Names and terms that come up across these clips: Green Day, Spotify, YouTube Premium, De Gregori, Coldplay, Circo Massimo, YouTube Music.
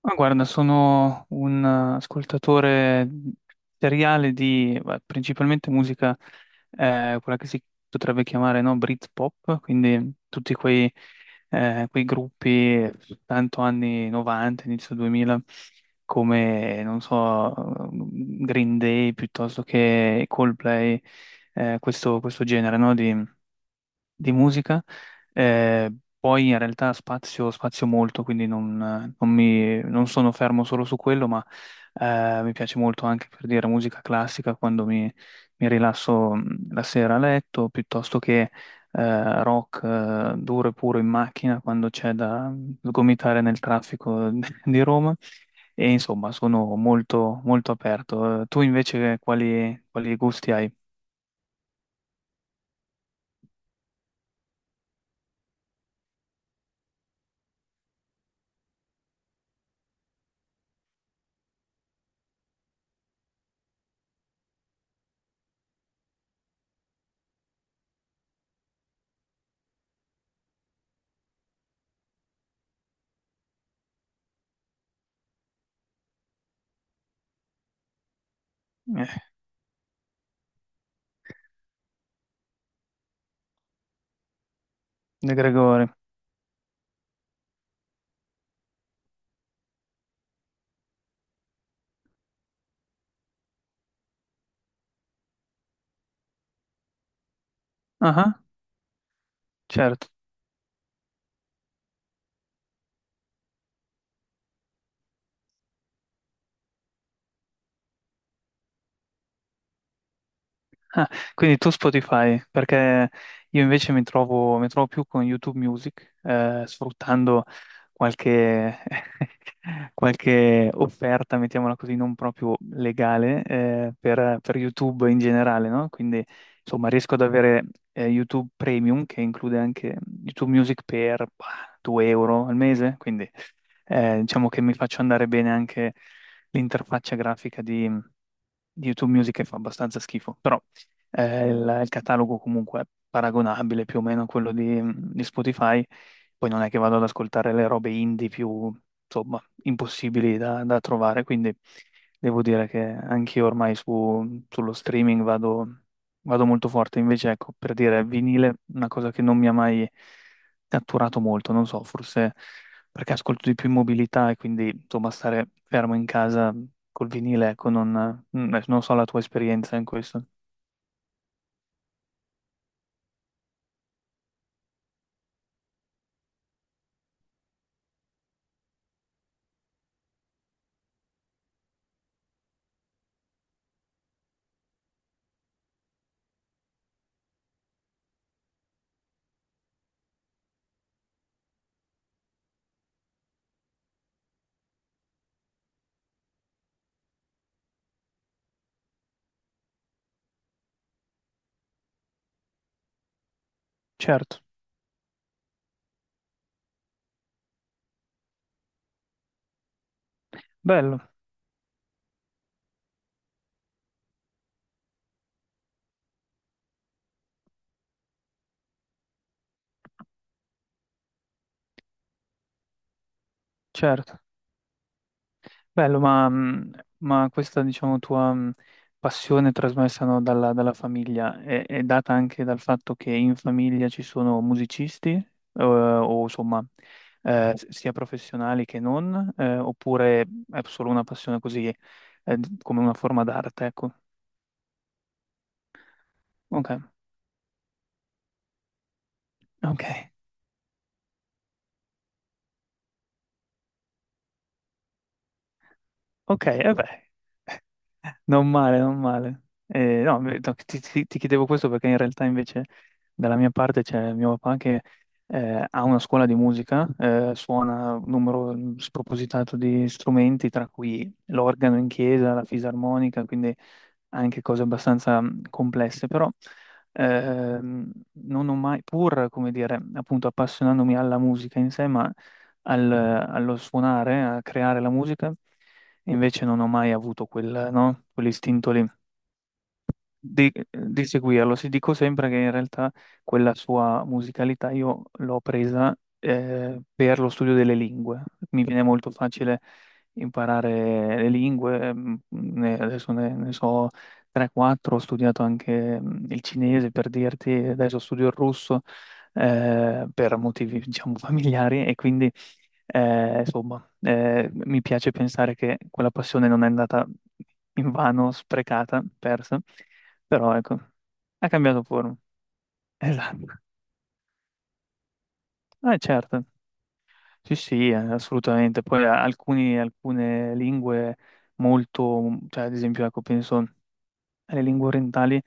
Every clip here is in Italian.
Ma guarda, sono un ascoltatore seriale di principalmente musica, quella che si potrebbe chiamare, no, Britpop, quindi tutti quei gruppi, tanto anni 90, inizio 2000, come, non so, Green Day piuttosto che Coldplay, questo genere, no, di musica. eh, Poi in realtà spazio molto, quindi non sono fermo solo su quello, ma mi piace molto anche, per dire, musica classica quando mi rilasso, la sera a letto, piuttosto che rock duro e puro in macchina quando c'è da sgomitare nel traffico di Roma. E insomma, sono molto, molto aperto. Tu invece quali gusti hai? Eh, De Gregori. Ah, ah, certo. Ah, quindi tu Spotify, perché io invece mi trovo più con YouTube Music, sfruttando qualche, qualche offerta, mettiamola così, non proprio legale, per YouTube in generale, no? Quindi, insomma, riesco ad avere YouTube Premium, che include anche YouTube Music per, bah, 2 € al mese, quindi diciamo che mi faccio andare bene anche l'interfaccia grafica di YouTube Music, che fa abbastanza schifo. Il catalogo comunque è paragonabile più o meno a quello di Spotify, poi non è che vado ad ascoltare le robe indie più, insomma, impossibili da trovare, quindi devo dire che anch'io ormai sullo streaming vado molto forte. Invece ecco, per dire, vinile, una cosa che non mi ha mai catturato molto, non so, forse perché ascolto di più in mobilità e quindi insomma stare fermo in casa col vinile, ecco, non so la tua esperienza in questo. Certo. Bello, certo, bello, ma diciamo, tua, passione trasmessa, no, dalla famiglia è data anche dal fatto che in famiglia ci sono musicisti, o insomma, sia professionali che non, oppure è solo una passione così, come una forma d'arte, ecco. Ok, ok, ok, e beh. Non male, non male. No, beh, no, ti chiedevo questo perché in realtà invece dalla mia parte c'è mio papà che ha una scuola di musica, suona un numero spropositato di strumenti, tra cui l'organo in chiesa, la fisarmonica, quindi anche cose abbastanza, complesse, però non ho mai, pur, come dire, appunto appassionandomi alla musica in sé, ma allo suonare, a creare la musica. E invece non ho mai avuto quel, no? Quell'istinto lì di seguirlo. Si dico sempre che in realtà quella sua musicalità io l'ho presa, per lo studio delle lingue. Mi viene molto facile imparare le lingue. Adesso ne so 3-4, ho studiato anche, mm, il cinese, per dirti, adesso studio il russo, per motivi diciamo familiari, e quindi mi piace pensare che quella passione non è andata invano, sprecata, persa, però ecco, ha cambiato forma. Esatto. Ah, certo. Sì, sì, assolutamente. Poi alcune lingue molto, cioè ad esempio, ecco, penso alle lingue orientali.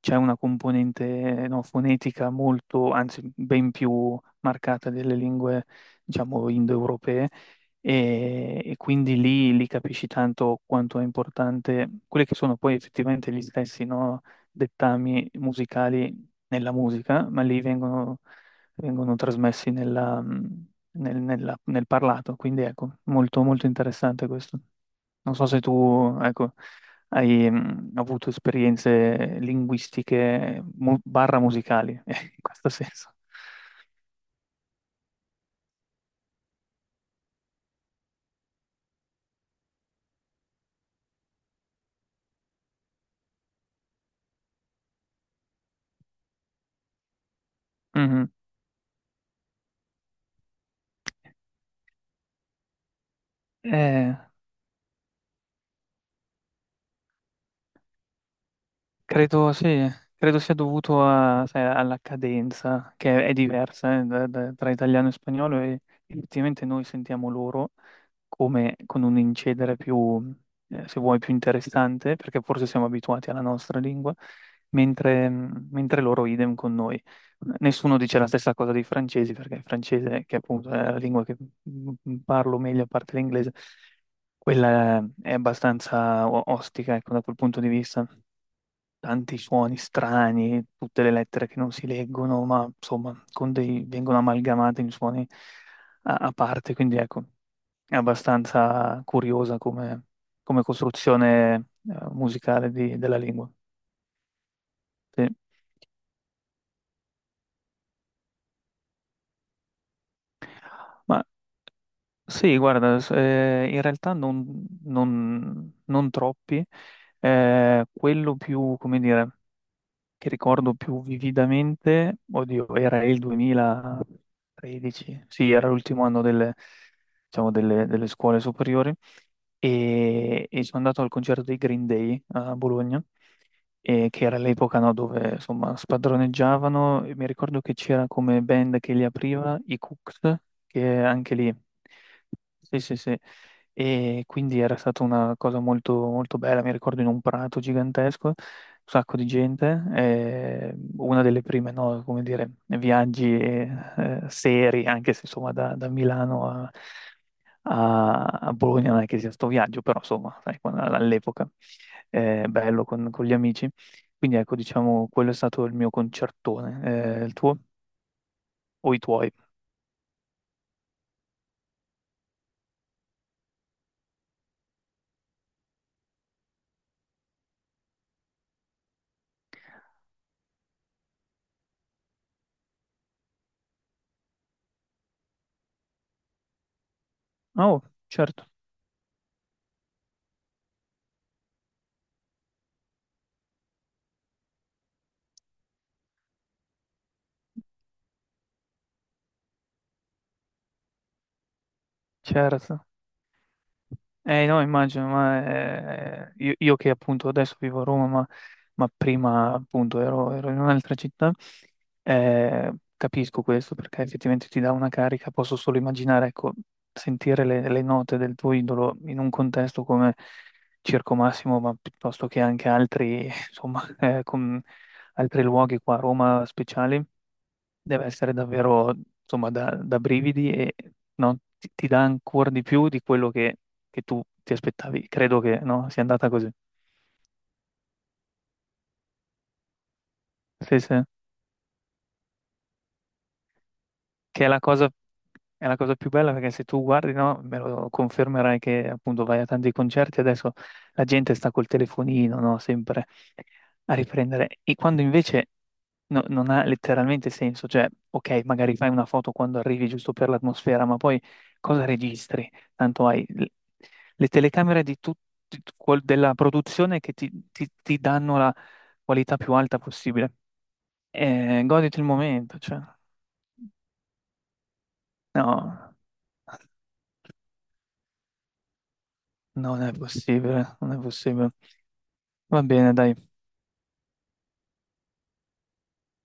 C'è una componente, no, fonetica molto, anzi ben più marcata delle lingue, diciamo, indoeuropee, e quindi lì capisci tanto quanto è importante quelli che sono poi effettivamente gli stessi, no, dettami musicali nella musica, ma lì vengono trasmessi nel parlato, quindi ecco, molto, molto interessante questo. Non so se tu, ecco. Hai, mm, avuto esperienze linguistiche barra musicali, in questo senso. Mhm. Eh, credo, sì, credo sia dovuto sai, alla cadenza, che è diversa, tra italiano e spagnolo, e effettivamente noi sentiamo loro, come con un incedere più, se vuoi, più interessante, perché forse siamo abituati alla nostra lingua, mentre loro idem con noi. Nessuno dice la stessa cosa dei francesi, perché il francese, che appunto è la lingua che, mm, parlo meglio a parte l'inglese, quella è abbastanza ostica, ecco, da quel punto di vista. Tanti suoni strani, tutte le lettere che non si leggono, ma insomma, con dei, vengono amalgamate in suoni a parte, quindi ecco, è abbastanza curiosa come, come costruzione, musicale della lingua. Sì. Ma sì, guarda, in realtà non troppi. Quello più, come dire, che ricordo più vividamente, oddio, era il 2013, sì, era l'ultimo anno delle, diciamo, delle scuole superiori. E, e sono andato al concerto dei Green Day, a Bologna, e che era l'epoca, no, dove insomma spadroneggiavano. E mi ricordo che c'era come band che li apriva i Cooks, che anche lì. Sì, sì, sì. E quindi era stata una cosa molto, molto bella. Mi ricordo in un prato gigantesco, un sacco di gente. Eh, una delle prime, no, come dire, viaggi, seri, anche se insomma da Milano a Bologna, non è che sia sto viaggio, però insomma, sai, all'epoca è bello con gli amici. Quindi ecco, diciamo, quello è stato il mio concertone. Il tuo o i tuoi? Oh, certo, certo. No, immagino, ma io che appunto adesso vivo a Roma, ma prima appunto ero in un'altra città, capisco questo perché effettivamente ti dà una carica, posso solo immaginare, ecco, sentire le note del tuo idolo in un contesto come Circo Massimo, ma piuttosto che anche altri, insomma, altri luoghi qua a Roma speciali, deve essere davvero, insomma, da brividi, e no, ti dà ancora di più di quello che tu ti aspettavi. Credo che, no, sia andata così. Sì, sì. Che è la cosa più bella, perché se tu guardi, no, me lo confermerai che appunto vai a tanti concerti, adesso la gente sta col telefonino, no, sempre a riprendere. E quando invece non ha letteralmente senso, cioè, ok, magari fai una foto quando arrivi giusto per l'atmosfera, ma poi cosa registri? Tanto hai le telecamere di tut- di- quel- della produzione che ti danno la qualità più alta possibile. Goditi il momento, cioè. No, non è possibile, non è possibile. Va bene, dai.